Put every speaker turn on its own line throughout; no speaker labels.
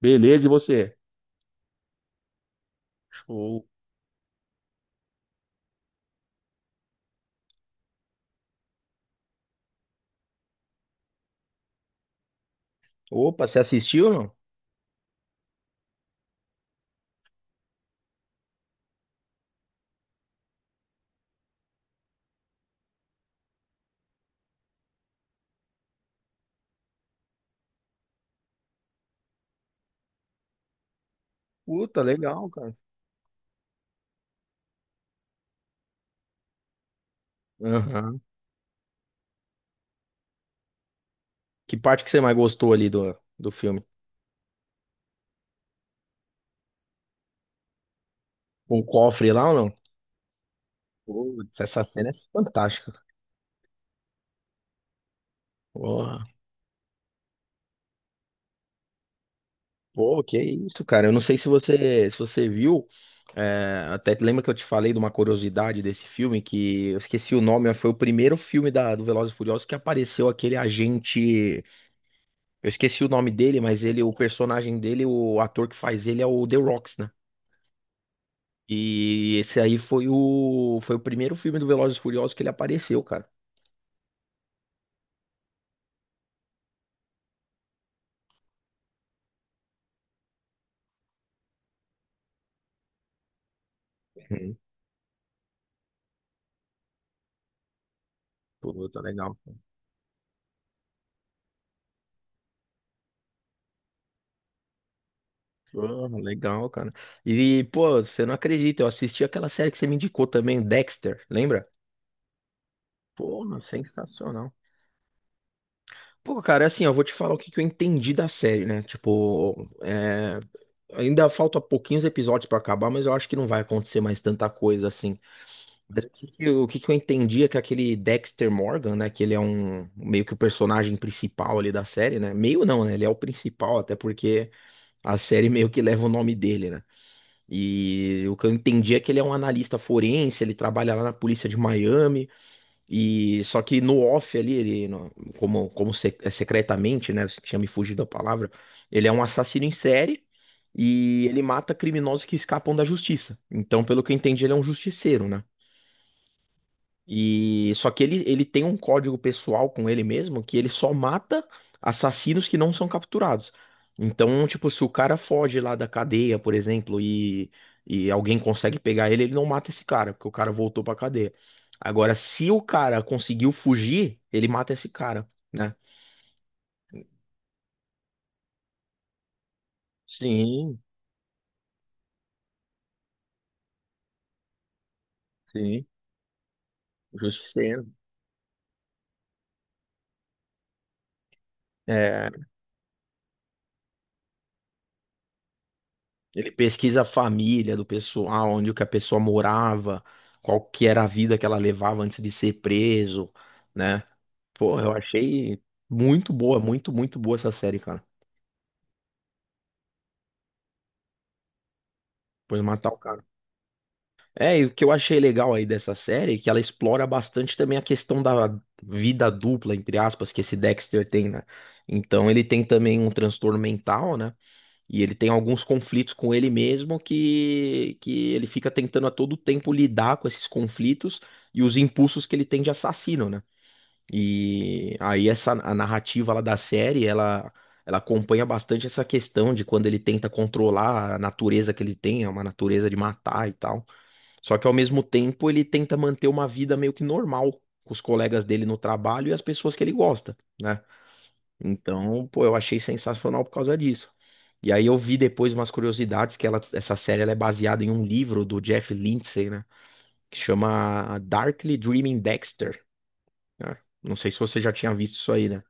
Beleza, e você? Show. Opa, você assistiu, não? Puta, legal, cara. Aham. Que parte que você mais gostou ali do filme? Com o cofre lá ou não? Putz, essa cena é fantástica. Porra. Pô, que isso, cara. Eu não sei se você viu. Até lembra que eu te falei de uma curiosidade desse filme que eu esqueci o nome, mas foi o primeiro filme da, do Velozes e Furiosos que apareceu aquele agente. Eu esqueci o nome dele, mas ele, o personagem dele, o ator que faz ele é o The Rock, né? E esse aí foi o primeiro filme do Velozes e Furiosos que ele apareceu, cara. Uhum. Pô, tá legal. Pô, legal, cara. E, pô, você não acredita, eu assisti aquela série que você me indicou também, Dexter, lembra? Pô, sensacional. Pô, cara, assim, eu vou te falar o que que eu entendi da série, né? Tipo, ainda falta pouquinhos episódios pra acabar, mas eu acho que não vai acontecer mais tanta coisa assim. O que que eu entendi é que aquele Dexter Morgan, né? Que ele é um meio que o personagem principal ali da série, né? Meio não, né? Ele é o principal, até porque a série meio que leva o nome dele, né? E o que eu entendi é que ele é um analista forense, ele trabalha lá na polícia de Miami, e só que no off ali, ele, no- como, é secretamente, né? Você tinha me fugido da palavra, ele é um assassino em série. E ele mata criminosos que escapam da justiça. Então, pelo que eu entendi, ele é um justiceiro, né? E só que ele tem um código pessoal com ele mesmo que ele só mata assassinos que não são capturados. Então, tipo, se o cara foge lá da cadeia, por exemplo, e alguém consegue pegar ele, ele não mata esse cara, porque o cara voltou pra cadeia. Agora, se o cara conseguiu fugir, ele mata esse cara, né? Sim, sim, justiceiro. É, ele pesquisa a família do pessoal, onde que a pessoa morava, qual que era a vida que ela levava antes de ser preso, né? Pô, eu achei muito boa, muito, muito boa essa série, cara. Depois de matar o cara. É, e o que eu achei legal aí dessa série é que ela explora bastante também a questão da vida dupla, entre aspas, que esse Dexter tem, né? Então ele tem também um transtorno mental, né? E ele tem alguns conflitos com ele mesmo que ele fica tentando a todo tempo lidar com esses conflitos e os impulsos que ele tem de assassino, né? E aí essa a narrativa lá da série, ela acompanha bastante essa questão de quando ele tenta controlar a natureza que ele tem, é uma natureza de matar e tal. Só que ao mesmo tempo ele tenta manter uma vida meio que normal com os colegas dele no trabalho e as pessoas que ele gosta, né? Então, pô, eu achei sensacional por causa disso. E aí eu vi depois umas curiosidades que ela, essa série ela é baseada em um livro do Jeff Lindsay, né? Que chama Darkly Dreaming Dexter, né? Não sei se você já tinha visto isso aí, né?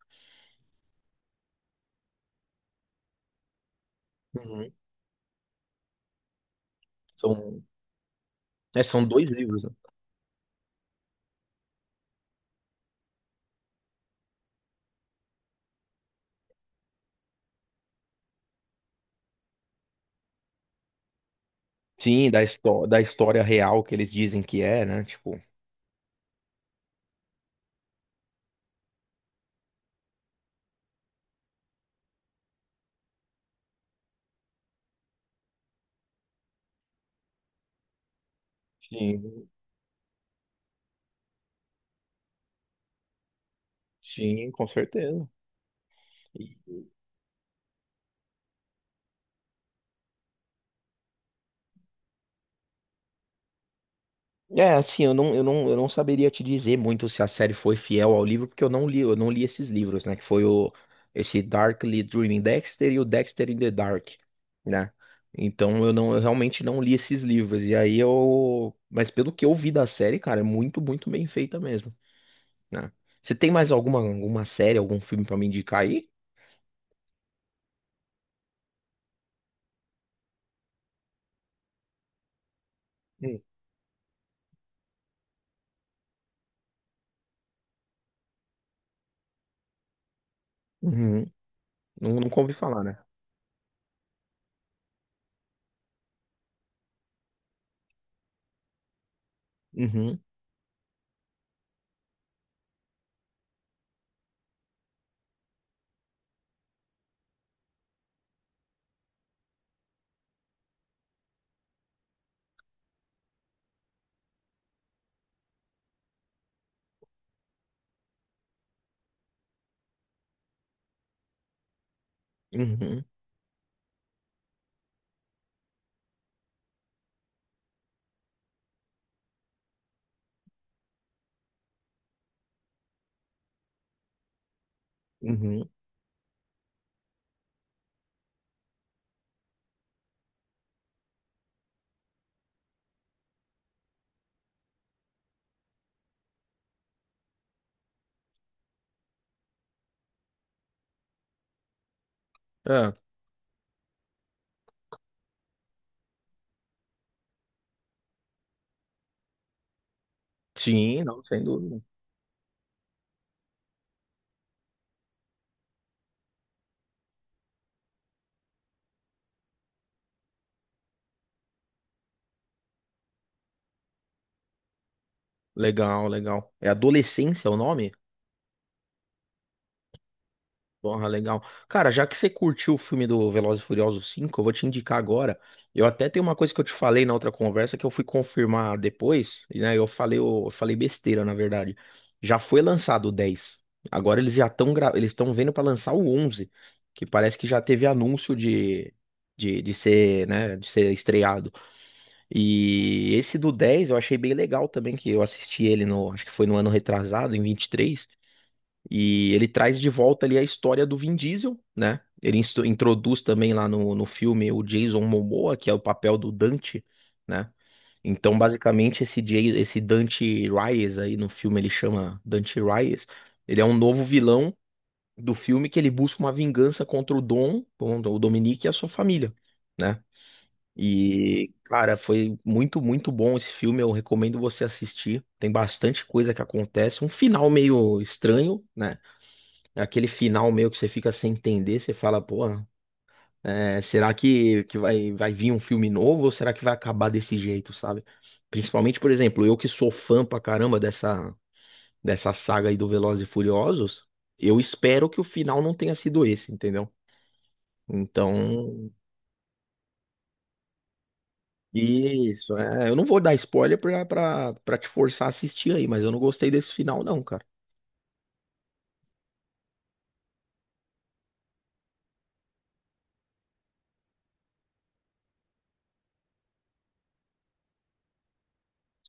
Uhum. São, são dois livros, né? Sim, da, história real que eles dizem que é, né? Tipo, sim, sim, com certeza. E- É, assim, eu não saberia te dizer muito se a série foi fiel ao livro, porque eu não li esses livros, né? Que foi esse Darkly Dreaming Dexter e o Dexter in the Dark, né? Então eu realmente não li esses livros. E aí eu, mas pelo que eu vi da série, cara, é muito, muito bem feita mesmo. Né? Você tem mais alguma série, algum filme pra me indicar aí? Hum. Uhum. Não, nunca ouvi falar, né? Uhum, uhum, uhum. Ah, sim, não, sem dúvida. Legal, legal. É Adolescência o nome? Porra, legal. Cara, já que você curtiu o filme do Velozes e Furiosos 5 eu vou te indicar agora. Eu até tenho uma coisa que eu te falei na outra conversa que eu fui confirmar depois, e, né? Eu falei besteira, na verdade. Já foi lançado o 10. Agora eles estão vendo pra lançar o 11, que parece que já teve anúncio de de ser, né, de ser estreado. E esse do 10 eu achei bem legal também, que eu assisti ele no, acho que foi no ano retrasado, em vinte e três, e ele traz de volta ali a história do Vin Diesel, né? Ele introduz também lá no filme o Jason Momoa, que é o papel do Dante, né? Então, basicamente, esse Dante Reyes aí no filme, ele chama Dante Reyes, ele é um novo vilão do filme que ele busca uma vingança contra o Dom, o Dominique e a sua família, né? E, cara, foi muito, muito bom esse filme. Eu recomendo você assistir. Tem bastante coisa que acontece. Um final meio estranho, né? Aquele final meio que você fica sem entender, você fala, pô, é, será que vai, vai vir um filme novo ou será que vai acabar desse jeito, sabe? Principalmente, por exemplo, eu que sou fã pra caramba dessa saga aí do Velozes e Furiosos, eu espero que o final não tenha sido esse, entendeu? Então, isso, eu não vou dar spoiler pra te forçar a assistir aí, mas eu não gostei desse final não, cara.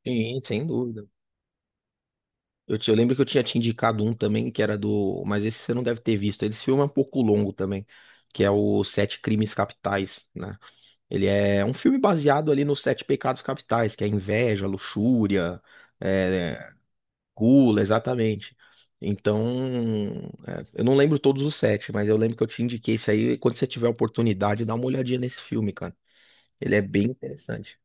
Sim, sem dúvida. Eu lembro que eu tinha te indicado um também, que era do. Mas esse você não deve ter visto. Esse filme é um pouco longo também, que é o Sete Crimes Capitais, né? Ele é um filme baseado ali nos Sete Pecados Capitais, que é inveja, luxúria, é, gula, exatamente. Então, eu não lembro todos os sete, mas eu lembro que eu te indiquei isso aí. Quando você tiver a oportunidade, dá uma olhadinha nesse filme, cara. Ele é bem interessante.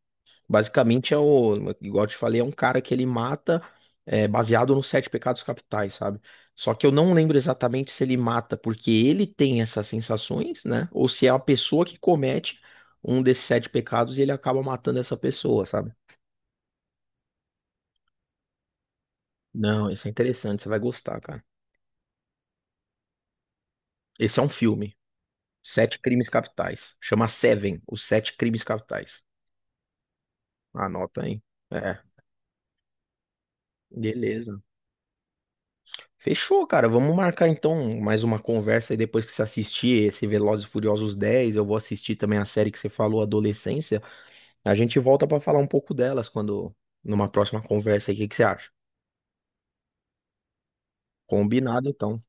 Basicamente é o, igual eu te falei, é um cara que ele mata baseado nos sete pecados capitais, sabe? Só que eu não lembro exatamente se ele mata porque ele tem essas sensações, né? Ou se é a pessoa que comete um desses sete pecados e ele acaba matando essa pessoa, sabe? Não, isso é interessante, você vai gostar, cara. Esse é um filme, Sete Crimes Capitais. Chama Seven, os Sete Crimes Capitais. Anota aí. É, beleza. Fechou, cara. Vamos marcar então mais uma conversa aí depois que você assistir esse Velozes e Furiosos 10. Eu vou assistir também a série que você falou, Adolescência. A gente volta pra falar um pouco delas quando, numa próxima conversa aí. O que que você acha? Combinado, então.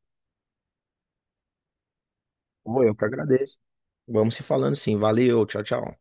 Pô, eu que agradeço. Vamos se falando sim. Valeu, tchau, tchau.